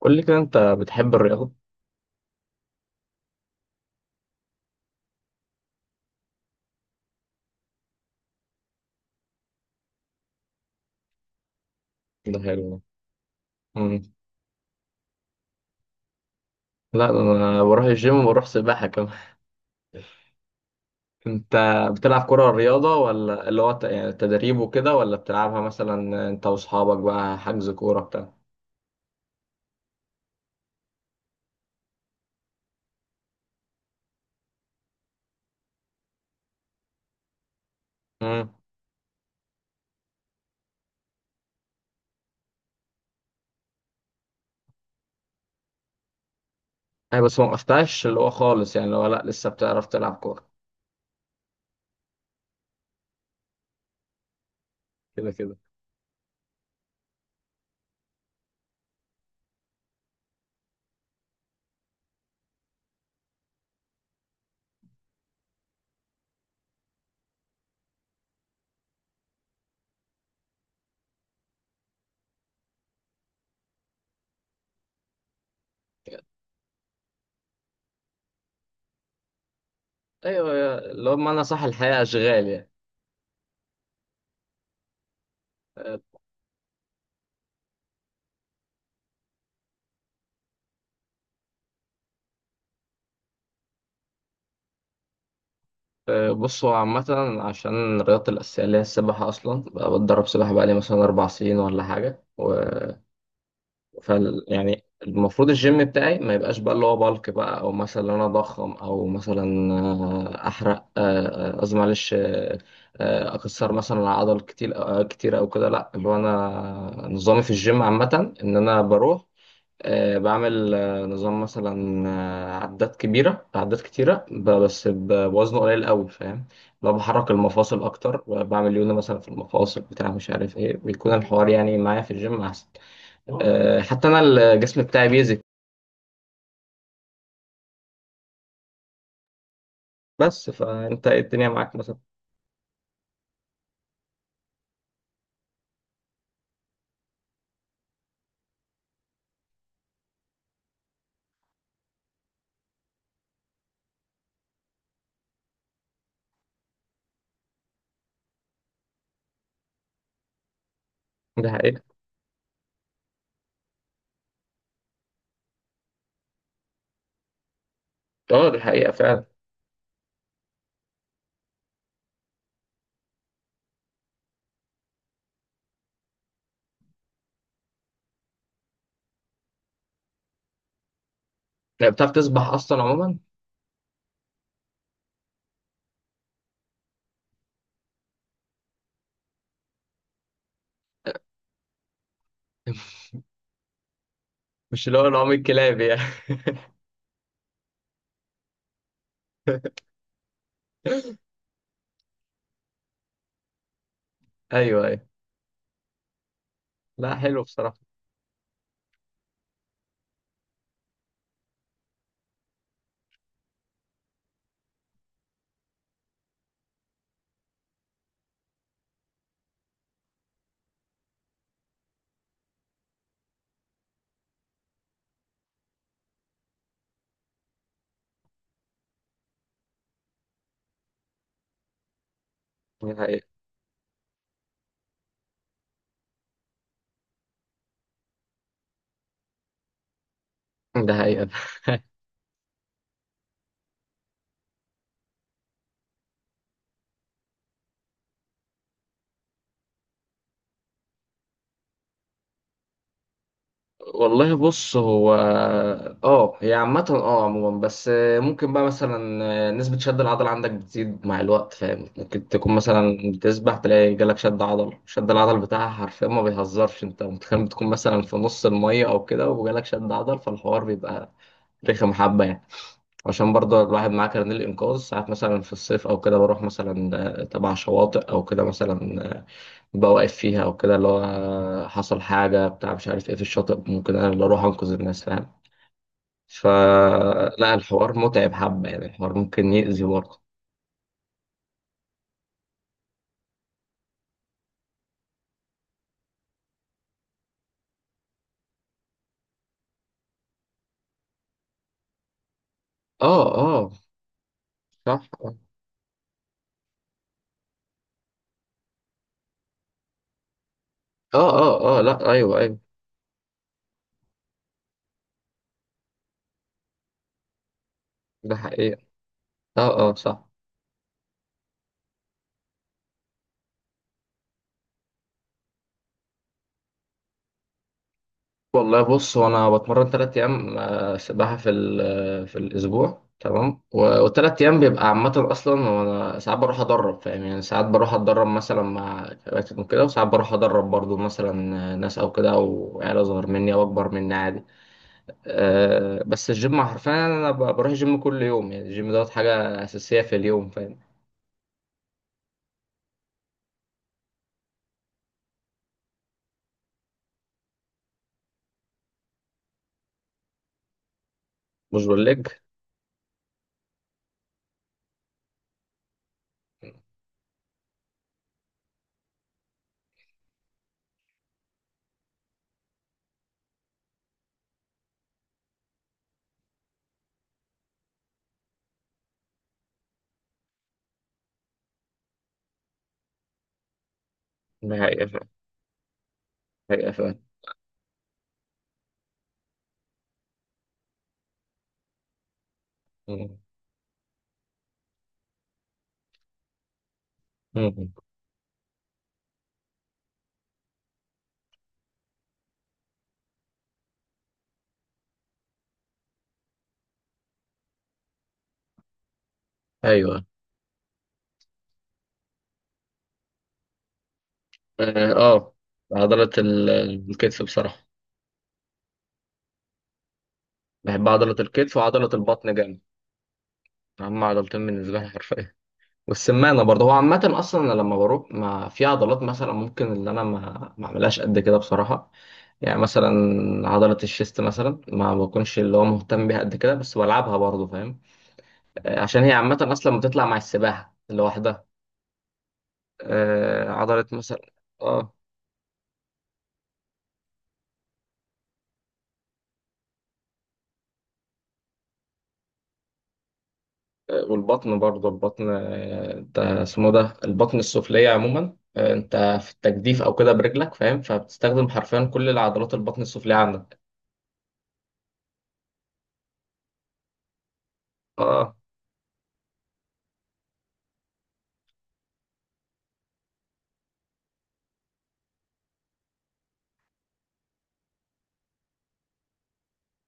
قول لي كده، انت بتحب الرياضة؟ ده حلو. مم. لا، ده انا بروح الجيم وبروح سباحة كمان. انت بتلعب كرة رياضة، ولا اللي هو يعني تدريب وكده، ولا بتلعبها مثلا انت واصحابك بقى حجز كورة بتاع؟ امم. اي، بس ما وقفتهاش اللي هو خالص، يعني اللي هو لا، لسه بتعرف تلعب كورة. كده كده. ايوه، اللي هو بمعنى صح، الحياة اشغال يعني. أه. آه، بص هو عامة. عشان الرياضة الأساسية اللي هي السباحة، أصلا بقى بتدرب سباحة بقالي مثلا 4 سنين ولا حاجة. فال يعني المفروض الجيم بتاعي ما يبقاش بقى اللي هو بالك بقى، او مثلا انا اضخم، او مثلا احرق قصدي معلش. اكسر مثلا عضل كتير كتير او كده. لا، اللي هو انا نظامي في الجيم عامة ان انا بروح بعمل نظام مثلا عدات كبيرة عدات كتيرة، بس بوزن قليل قوي، فاهم؟ لو بحرك المفاصل اكتر، بعمل يونا مثلا في المفاصل، بتاع مش عارف ايه، بيكون الحوار يعني معايا في الجيم احسن. حتى انا الجسم بتاعي بيزك. بس فانت ايه الدنيا معاك مثلا؟ ده حقيقة. اه، دي حقيقة فعلا. يعني بتعرف تسبح اصلا عموما؟ مش اللي هو العوم الكلابي يعني؟ ايوه، ايوه. لا، حلو بصراحة. ده حقيقة. ده حقيقة. والله، بص هو، اه، هي عامة، اه، عموما. بس ممكن بقى مثلا نسبة شد العضل عندك بتزيد مع الوقت، فاهم؟ ممكن تكون مثلا بتسبح تلاقي جالك شد عضل، شد العضل بتاعها حرفيا ما بيهزرش، انت متخيل بتكون مثلا في نص المية او كده وجالك شد عضل، فالحوار بيبقى رخم حبة يعني. عشان برضه الواحد معاه كارنيه الإنقاذ ساعات مثلا، في الصيف أو كده بروح مثلا تبع شواطئ أو كده، مثلا بوقف فيها او كده، اللي هو حصل حاجه بتاع مش عارف ايه في الشاطئ، ممكن انا اللي اروح انقذ الناس، فاهم؟ فلا، الحوار متعب حبه يعني، الحوار ممكن يأذي برضه. اه، اه، صح، اه، اه، اه، آه، لا، ايوه، ايوه. ده حقيقة. اه، اه، صح. والله، بص هو انا بتمرن 3 ايام سباحه في الاسبوع، تمام؟ والثلاث ايام بيبقى عامه اصلا، وانا ساعات بروح ادرب، فاهم؟ يعني ساعات بروح اتدرب مثلا مع كباتن وكده، وساعات بروح ادرب برضو مثلا ناس او كده، او عيله اصغر مني او اكبر مني، عادي. أه، بس الجيم حرفيا انا بروح الجيم كل يوم. يعني الجيم دوت حاجه اساسيه في اليوم، فاهم؟ مش بقولك. ده حقيقه فعلا. حقيقه فعلا. مم. مم. ايوه. اه. آه. عضله الكتف بصراحه. بحب عضلة الكتف وعضلة البطن جامد. أهم عضلتين بالنسبة لي حرفيا. والسمانة برضه. هو عامة أصلا أنا لما بروح، ما في عضلات مثلا ممكن اللي أنا ما أعملهاش قد كده بصراحة. يعني مثلا عضلة الشيست مثلا ما بكونش اللي هو مهتم بيها قد كده، بس بلعبها برضه، فاهم؟ عشان هي عامة أصلا بتطلع مع السباحة لوحدها. عضلة مثلا. اه. والبطن برضه، البطن انت اسمه ده البطن السفلية عموما. انت في التجديف او كده برجلك، فاهم؟ فبتستخدم حرفيا كل العضلات البطن السفلية عندك. اه.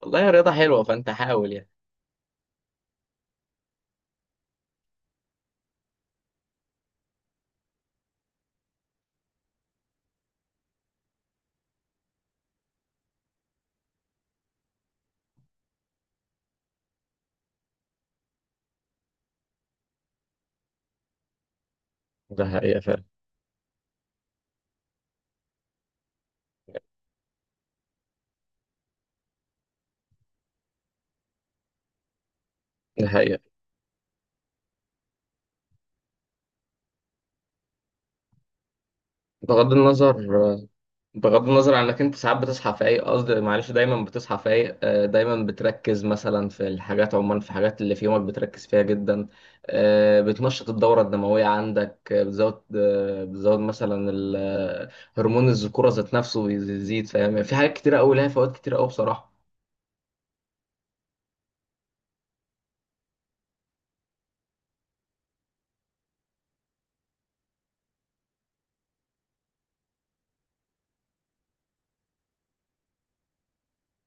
والله، يا رياضة حلوة، فانت حاول يعني. ده حقيقة فعلا. ده حقيقة. بغض النظر، بغض النظر عن انك انت ساعات بتصحى فايق، قصدي معلش دايما بتصحى فايق، دايما بتركز مثلا في الحاجات، عموما في الحاجات اللي في يومك بتركز فيها جدا. بتنشط الدورة الدموية عندك. بتزود مثلا هرمون الذكورة ذات نفسه بيزيد، فاهم؟ يعني في حاجات كتيرة قوي لها فوائد كتيرة قوي بصراحة.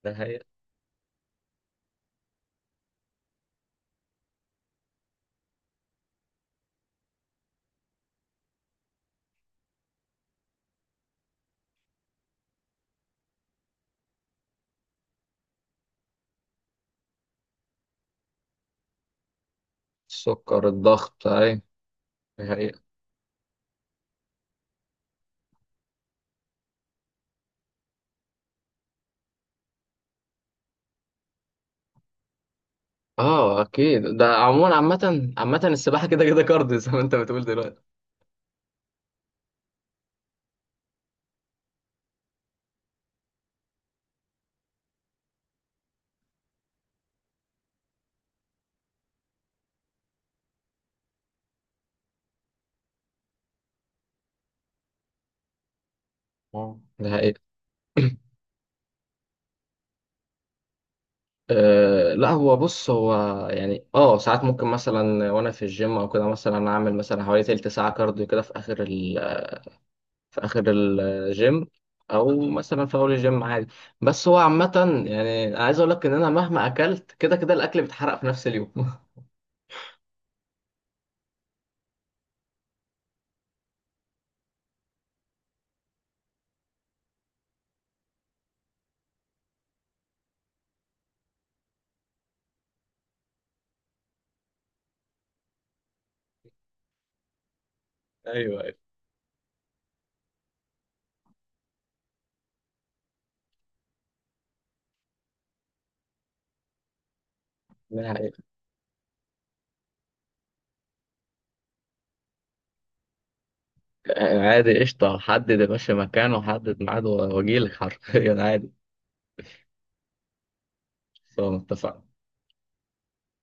ده حقيقة. السكر، الضغط، اي. ده حقيقة. اه، اكيد. ده عموما، عامة عامة السباحة كده كده كارديو. زي ما انت بتقول دلوقتي. آه. ده حقيقة. أه، لا هو بص. هو يعني، اه، ساعات ممكن مثلا وانا في الجيم او كده، مثلا اعمل مثلا حوالي تلت ساعه كارديو كده في اخر في اخر الجيم، او مثلا في اول الجيم، عادي. بس هو عامه يعني، أنا عايز اقول لك ان انا مهما اكلت، كده كده الاكل بيتحرق في نفس اليوم. ايوه، ايوه. يعني عادي، قشطه. حدد يا باشا مكانه، وحدد ميعاد، واجيلك حرفيا عادي. سواء متفق.